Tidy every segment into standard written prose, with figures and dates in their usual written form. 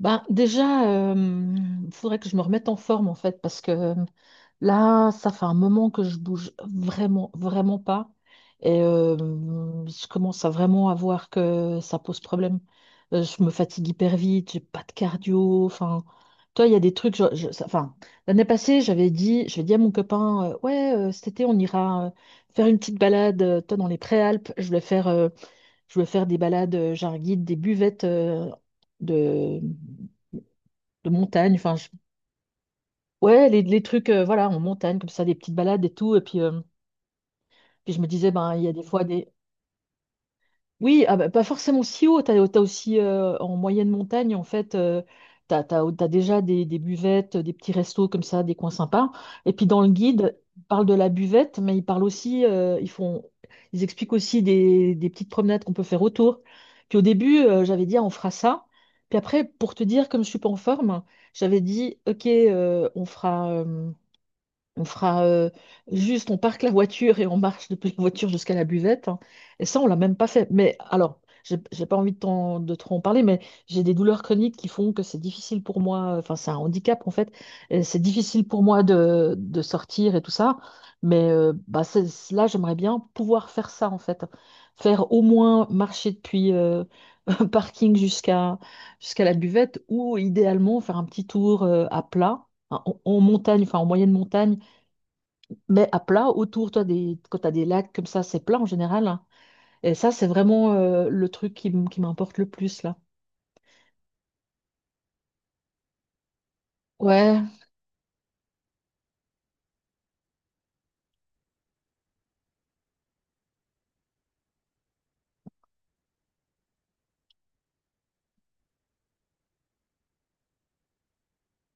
Ben, déjà, il faudrait que je me remette en forme en fait, parce que là, ça fait un moment que je bouge vraiment pas. Et je commence à vraiment à voir que ça pose problème. Je me fatigue hyper vite, j'ai pas de cardio. Enfin, toi, il y a des trucs. Enfin, l'année passée, j'avais dit à mon copain, ouais, cet été, on ira faire une petite balade, toi, dans les Préalpes. Je voulais faire des balades. J'ai un guide des buvettes. De, de montagne, ouais, les trucs, voilà, en montagne, comme ça, des petites balades et tout. Et puis, puis je me disais, ben, il y a des fois des. Oui, ah bah, pas forcément si haut, t'as aussi en moyenne montagne, en fait, t'as déjà des buvettes, des petits restos comme ça, des coins sympas. Et puis dans le guide, ils parlent de la buvette, mais ils parlent aussi, ils font, ils expliquent aussi des petites promenades qu'on peut faire autour. Puis au début, j'avais dit, ah, on fera ça. Puis après, pour te dire, comme je suis pas en forme, j'avais dit, ok, on fera. On fera juste, on parque la voiture et on marche depuis la voiture jusqu'à la buvette, hein. Et ça, on l'a même pas fait. Mais alors, j'ai pas envie de, de trop en parler, mais j'ai des douleurs chroniques qui font que c'est difficile pour moi. Enfin, c'est un handicap en fait. Et c'est difficile pour moi de sortir et tout ça. Mais bah, là, j'aimerais bien pouvoir faire ça en fait. Faire au moins marcher depuis un parking jusqu'à la buvette ou idéalement faire un petit tour à plat, hein, en montagne, enfin en moyenne montagne mais à plat autour, toi, des, quand tu as des lacs comme ça, c'est plat en général, hein. Et ça, c'est vraiment le truc qui, qui m'importe le plus, là. Ouais.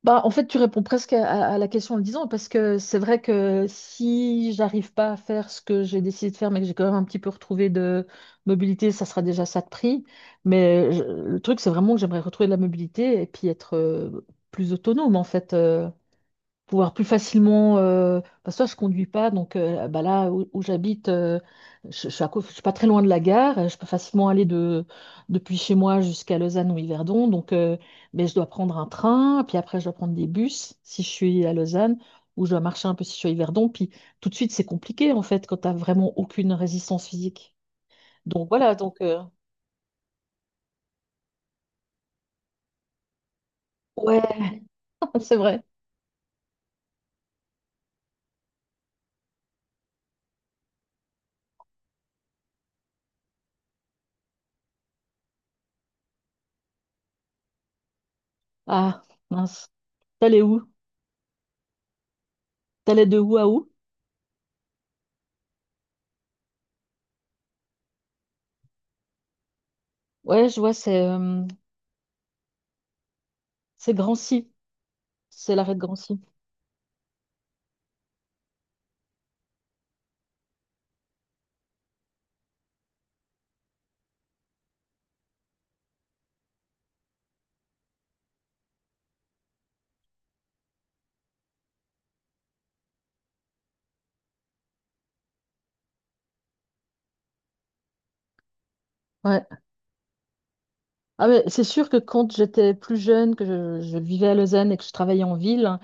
Bah, en fait, tu réponds presque à, à la question en le disant, parce que c'est vrai que si j'arrive pas à faire ce que j'ai décidé de faire, mais que j'ai quand même un petit peu retrouvé de mobilité, ça sera déjà ça de prix. Mais le truc, c'est vraiment que j'aimerais retrouver de la mobilité et puis être plus autonome, en fait. Pouvoir plus facilement. Parce que toi, je conduis pas, donc bah là où, où j'habite, je suis à je suis pas très loin de la gare. Je peux facilement aller de, depuis chez moi jusqu'à Lausanne ou Yverdon. Donc, mais je dois prendre un train, puis après, je dois prendre des bus si je suis à Lausanne, ou je dois marcher un peu si je suis à Yverdon. Puis tout de suite, c'est compliqué en fait quand t'as vraiment aucune résistance physique. Donc voilà, donc ouais, c'est vrai. Ah, mince. T'allais où? T'allais de où à où? Ouais, je vois, c'est Drancy. C'est l'arrêt de Drancy. Ouais. Ah ouais, c'est sûr que quand j'étais plus jeune, que je vivais à Lausanne et que je travaillais en ville, hein,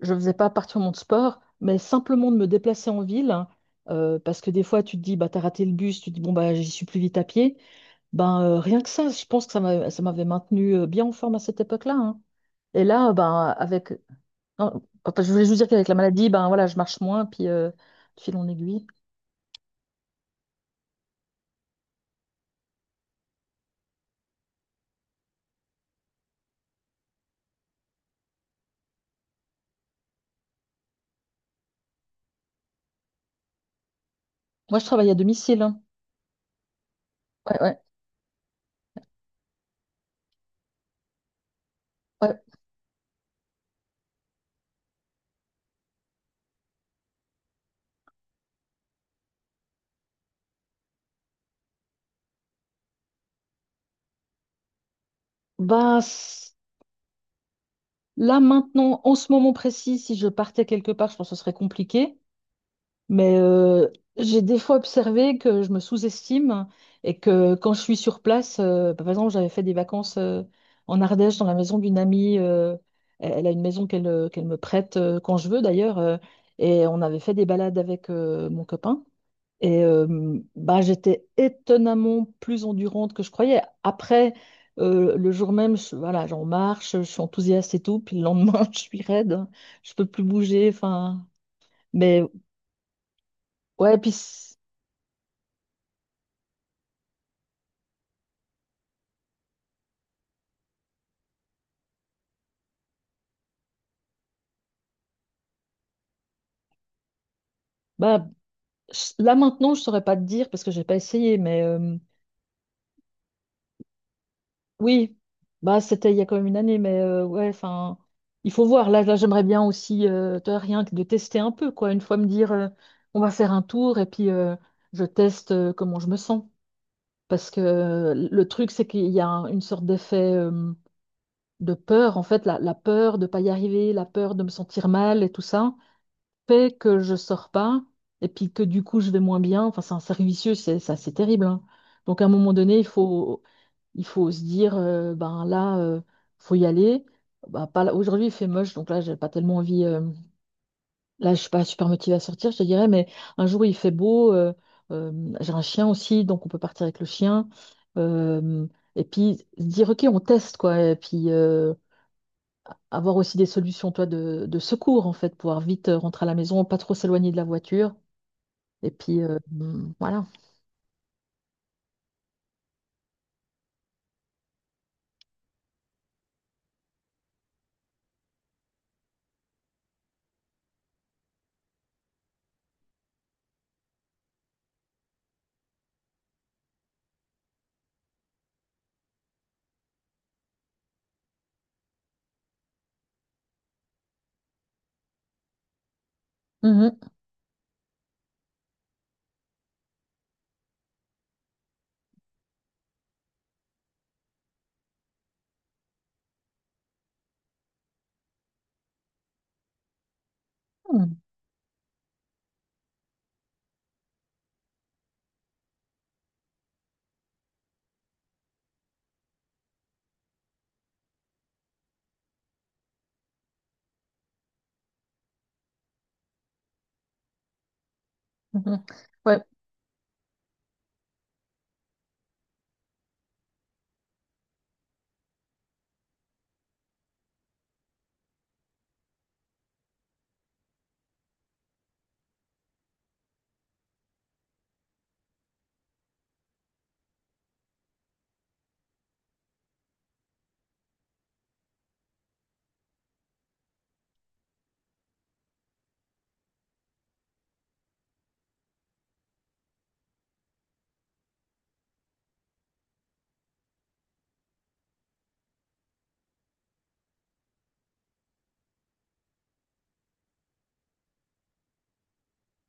je ne faisais pas particulièrement de sport, mais simplement de me déplacer en ville, hein, parce que des fois tu te dis, bah, t'as raté le bus, tu te dis, bon, bah, j'y suis plus vite à pied, ben, rien que ça, je pense que ça m'avait maintenu bien en forme à cette époque-là, hein. Et là, ben, avec... non, enfin, je voulais juste dire qu'avec la maladie, ben, voilà, je marche moins, puis de fil en aiguille. Moi, je travaille à domicile, hein. Ouais, ouais, ouais. Bah, là, maintenant, en ce moment précis, si je partais quelque part, je pense que ce serait compliqué. Mais j'ai des fois observé que je me sous-estime et que quand je suis sur place, bah, par exemple, j'avais fait des vacances en Ardèche dans la maison d'une amie. Elle elle a une maison qu'elle qu'elle me prête quand je veux d'ailleurs. Et on avait fait des balades avec mon copain. Et bah, j'étais étonnamment plus endurante que je croyais. Après, le jour même, voilà, j'en marche, je suis enthousiaste et tout. Puis le lendemain, je suis raide, je peux plus bouger. Enfin, mais ouais, bah, là maintenant, je saurais pas te dire parce que j'ai pas essayé. Mais oui, bah c'était il y a quand même une année. Mais ouais, enfin, il faut voir. Là, j'aimerais bien aussi, toi, rien que de tester un peu, quoi. Une fois me dire, on va faire un tour et puis je teste comment je me sens. Parce que le truc, c'est qu'il y a une sorte d'effet de peur, en fait, la peur de pas y arriver, la peur de me sentir mal et tout ça, fait que je sors pas et puis que du coup je vais moins bien. Enfin, c'est un cercle vicieux, c'est ça, c'est terrible, hein. Donc à un moment donné, il faut se dire, ben là, faut y aller. Bah, pas là- aujourd'hui, il fait moche, donc là, j'ai pas tellement envie. Là, je suis pas super motivée à sortir, je te dirais, mais un jour il fait beau, j'ai un chien aussi, donc on peut partir avec le chien. Euh, et puis se dire, ok, on teste, quoi. Et puis avoir aussi des solutions, toi, de secours, en fait, pouvoir vite rentrer à la maison, pas trop s'éloigner de la voiture. Et puis voilà. Mhm. Mhm. Mhm. Ouais.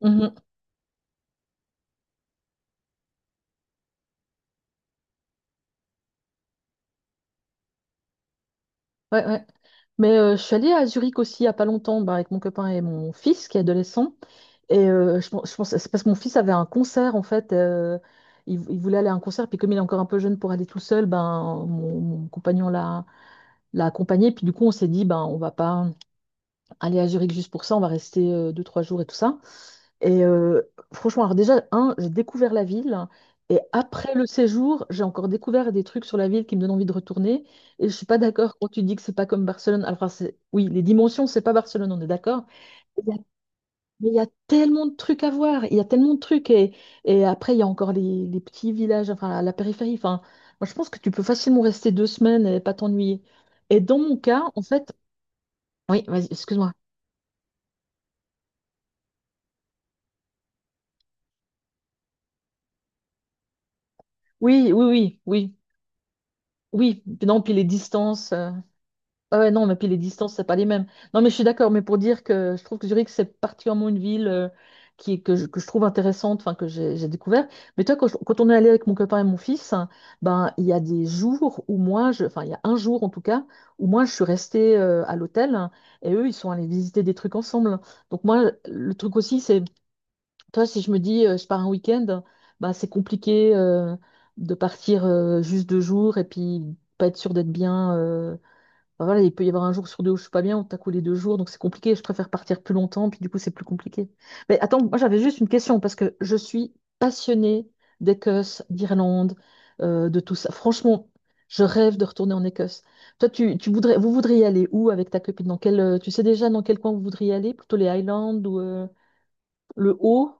Mhm. Ouais, ouais. Mais je suis allée à Zurich aussi il n'y a pas longtemps, bah, avec mon copain et mon fils qui est adolescent. Et je pense, c'est parce que mon fils avait un concert en fait. Il, il voulait aller à un concert, puis comme il est encore un peu jeune pour aller tout seul, ben mon compagnon l'a accompagné. Puis du coup, on s'est dit, ben on va pas aller à Zurich juste pour ça, on va rester deux trois jours et tout ça. Et franchement, alors déjà, un, j'ai découvert la ville. Et après le séjour, j'ai encore découvert des trucs sur la ville qui me donnent envie de retourner. Et je suis pas d'accord quand tu dis que c'est pas comme Barcelone. Alors, enfin, oui, les dimensions, c'est pas Barcelone, on est d'accord. Mais il y a tellement de trucs à voir, il y a tellement de trucs. Et après, il y a encore les petits villages, enfin la périphérie. Enfin, moi, je pense que tu peux facilement rester deux semaines et pas t'ennuyer. Et dans mon cas, en fait, oui, vas-y, excuse-moi. Oui, oui, oui, oui, oui. Non, puis les distances. Ah ouais, non, mais puis les distances, c'est pas les mêmes. Non, mais je suis d'accord, mais pour dire que je trouve que Zurich, c'est particulièrement une ville qui, que je trouve intéressante, enfin, que j'ai découvert. Mais toi, quand, quand on est allé avec mon copain et mon fils, hein, ben, il y a des jours où moi, je, enfin, il y a un jour en tout cas, où moi, je suis restée à l'hôtel hein, et eux, ils sont allés visiter des trucs ensemble. Donc, moi, le truc aussi, c'est, toi, si je me dis, je pars un week-end, ben, c'est compliqué de partir juste deux jours et puis pas être sûr d'être bien. Enfin, voilà, il peut y avoir un jour sur deux où je suis pas bien, on t'a collé deux jours, donc c'est compliqué. Je préfère partir plus longtemps, puis du coup, c'est plus compliqué. Mais attends, moi j'avais juste une question, parce que je suis passionnée d'Écosse, d'Irlande, de tout ça. Franchement, je rêve de retourner en Écosse. Toi, tu voudrais, vous voudriez aller où avec ta copine? Dans quel, tu sais déjà dans quel coin vous voudriez aller? Plutôt les Highlands ou le Haut?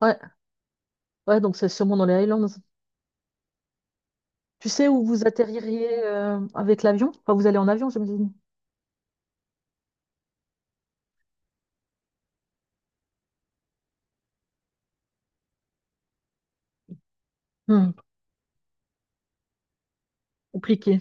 Ouais, ouais, donc c'est sûrement dans les Highlands. Tu sais où vous atterririez avec l'avion? Enfin, vous allez en avion, j'imagine. Hmm, compliqué.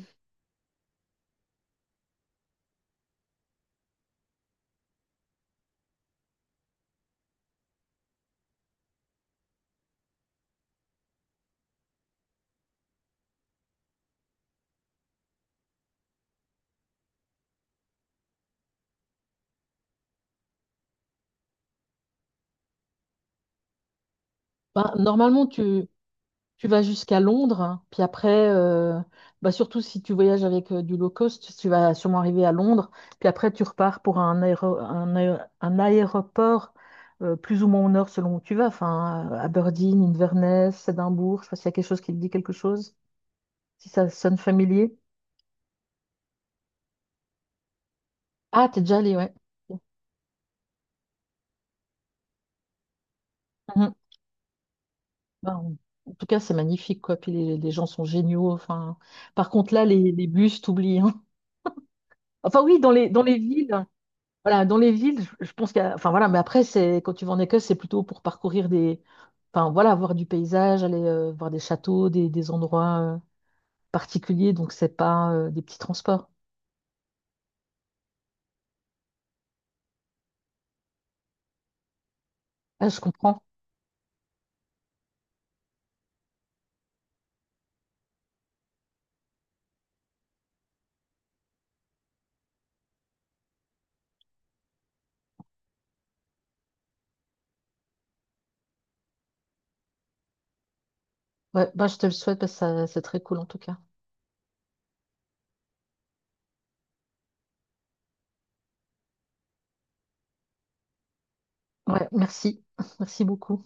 Bah, normalement, tu, Tu vas jusqu'à Londres, hein, puis après, bah surtout si tu voyages avec du low cost, tu vas sûrement arriver à Londres, puis après tu repars pour un, un aéroport plus ou moins au nord selon où tu vas, enfin Aberdeen, Inverness, Édimbourg, je sais pas s'il y a quelque chose qui te dit quelque chose, si ça sonne familier. Ah, t'es déjà allé, ouais. Mhm. Ben, en tout cas, c'est magnifique, quoi. Puis les gens sont géniaux. Enfin, par contre, là, les bus, t'oublies, hein. Enfin, oui, dans les villes. Voilà, dans les villes, je pense qu'il y a... Enfin voilà, mais après, c'est quand tu vas en Écosse, c'est plutôt pour parcourir des... Enfin voilà, voir du paysage, aller voir des châteaux, des endroits particuliers, donc c'est pas des petits transports. Ah, je comprends. Ouais, bah, je te le souhaite parce que c'est très cool en tout cas. Ouais, merci. Merci beaucoup.